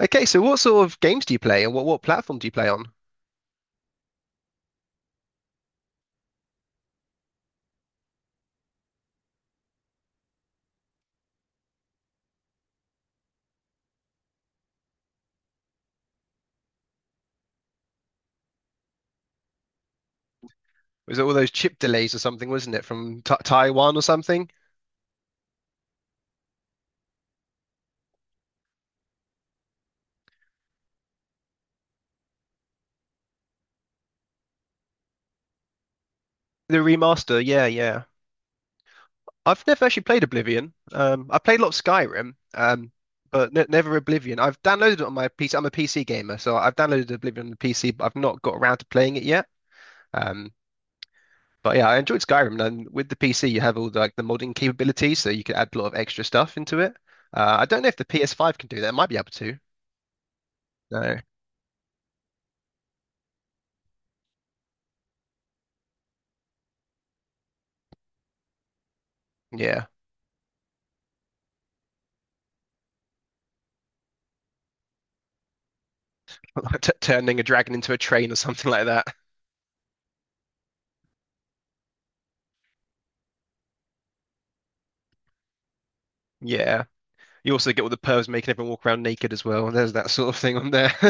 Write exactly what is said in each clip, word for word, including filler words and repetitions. Okay, so what sort of games do you play and what, what platform do you play on? Was it all those chip delays or something, wasn't it, from Ta Taiwan or something? The remaster, yeah, yeah. I've never actually played Oblivion. Um, I played a lot of Skyrim, um, but ne never Oblivion. I've downloaded it on my P C. I'm a P C gamer, so I've downloaded Oblivion on the P C, but I've not got around to playing it yet. Um, but yeah, I enjoyed Skyrim, and with the P C, you have all the, like the modding capabilities, so you can add a lot of extra stuff into it. Uh, I don't know if the P S five can do that. It might be able to. No, yeah, like t turning a dragon into a train or something like that. Yeah, you also get all the pervs making everyone walk around naked as well. There's that sort of thing on there.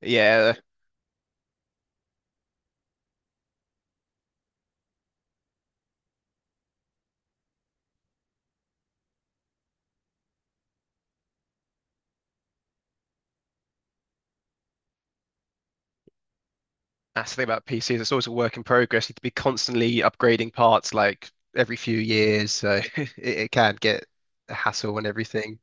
Yeah, that's the thing about P Cs. It's always a work in progress. You have to be constantly upgrading parts, like every few years, so it, it can get a hassle and everything.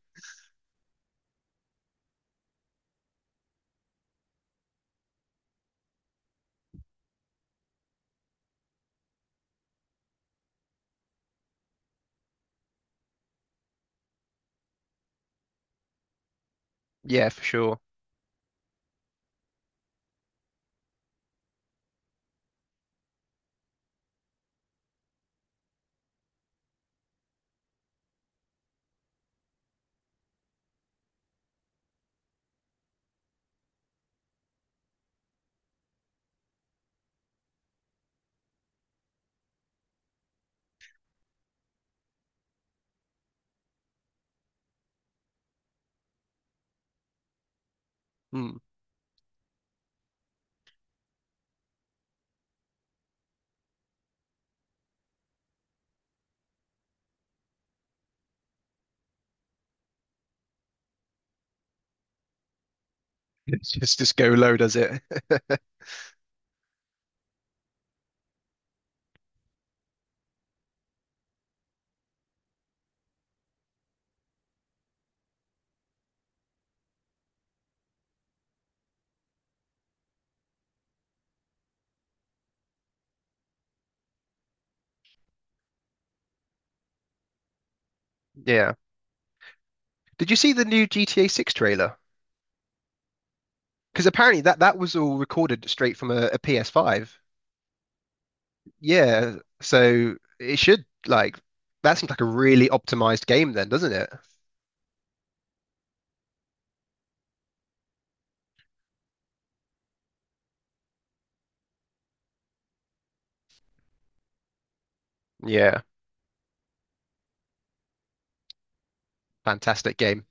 Yeah, for sure. Mm. It's just just go low, does it? Yeah. Did you see the new G T A six trailer? Because apparently that that was all recorded straight from a, P S five. Yeah. So it should like that seems like a really optimized game then, doesn't it? Yeah. Fantastic game.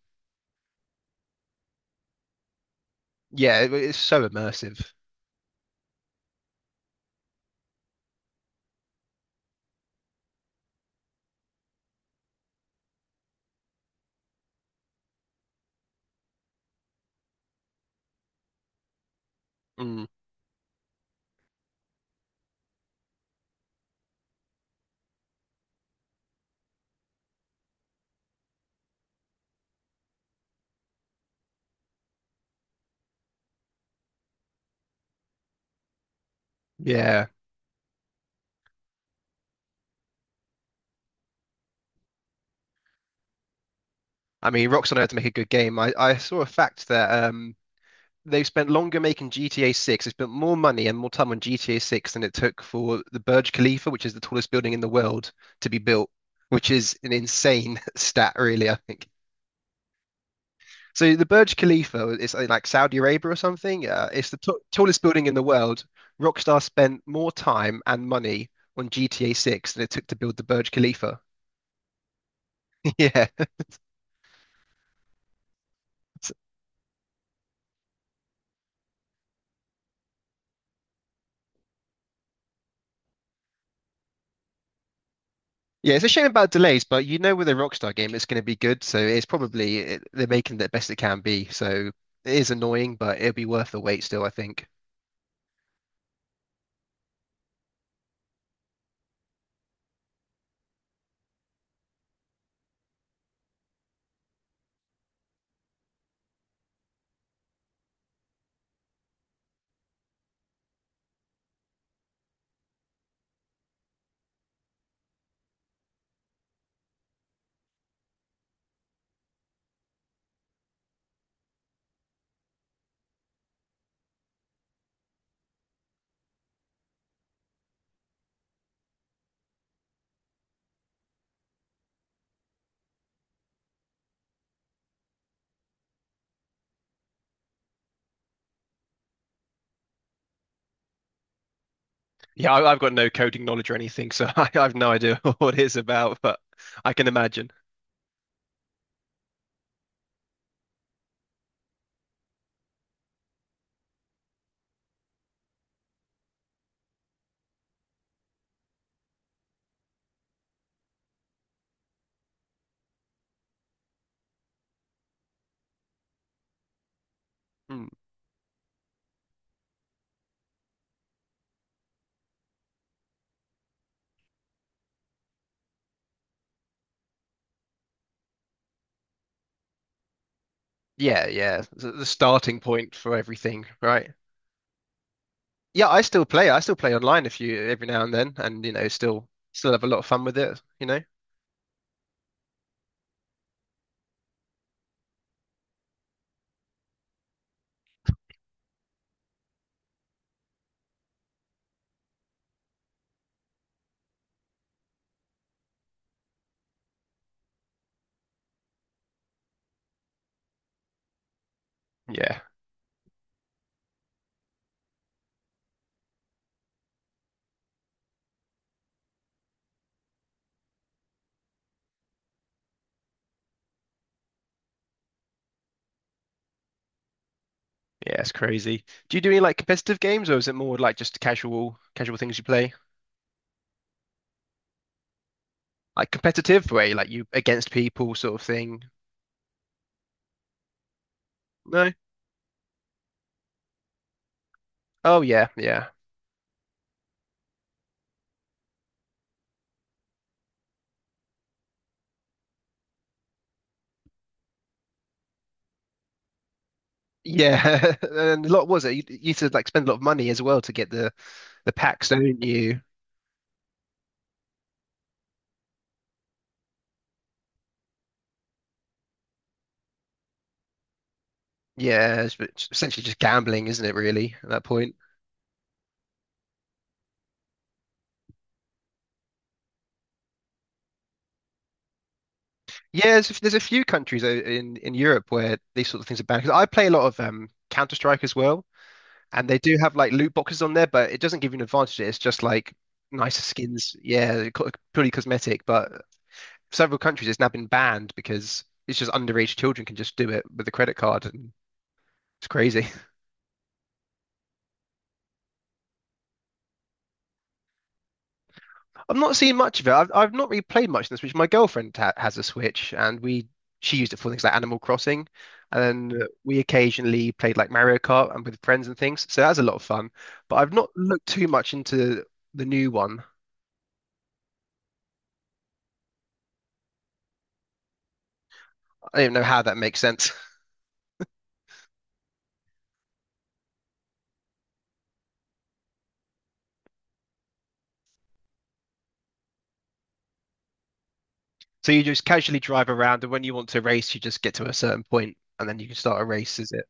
Yeah, it, it's so immersive. Mm. Yeah. I mean, Rockstar know how to make a good game. I, I saw a fact that um they've spent longer making G T A six. They spent more money and more time on G T A six than it took for the Burj Khalifa, which is the tallest building in the world, to be built, which is an insane stat, really, I think. So the Burj Khalifa is uh, like Saudi Arabia or something. Uh, it's the t tallest building in the world. Rockstar spent more time and money on G T A six than it took to build the Burj Khalifa. Yeah. Yeah, it's a shame about delays, but you know with a Rockstar game it's going to be good, so it's probably it, they're making the best it can be. So it is annoying, but it'll be worth the wait still, I think. Yeah, I, I've got no coding knowledge or anything, so I, I've no idea what it's about, but I can imagine. Mm. Yeah, yeah, the, the starting point for everything, right? Yeah, I still play. I still play online if you every now and then, and you know, still still have a lot of fun with it, you know? Yeah, yeah, it's crazy. Do you do any like competitive games, or is it more like just casual casual things you play? Like competitive way, like you against people sort of thing? No? Oh yeah, yeah. Yeah. And a lot was it? You, you used to like spend a lot of money as well to get the the packs, don't you? Yeah, it's it's essentially just gambling, isn't it, really, at that point? Yeah, there's a, there's a few countries o- in in Europe where these sort of things are banned. 'Cause I play a lot of um Counter-Strike as well, and they do have like loot boxes on there, but it doesn't give you an advantage. It's just like nicer skins. Yeah, co- purely cosmetic, but several countries it's now been banned because it's just underage children can just do it with a credit card and it's crazy. I've not seen much of it. I've, I've not really played much in the Switch. My girlfriend ha has a Switch and we she used it for things like Animal Crossing and then we occasionally played like Mario Kart and with friends and things. So that's a lot of fun. But I've not looked too much into the new one. I don't know how that makes sense. So you just casually drive around and when you want to race you just get to a certain point and then you can start a race, is it?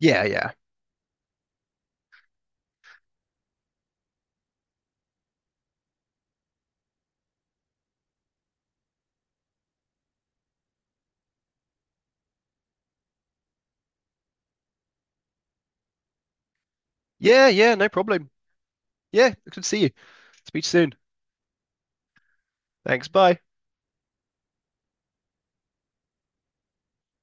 Yeah, yeah. Yeah, yeah, no problem. Yeah, good to see you. Speak soon. Thanks. Bye.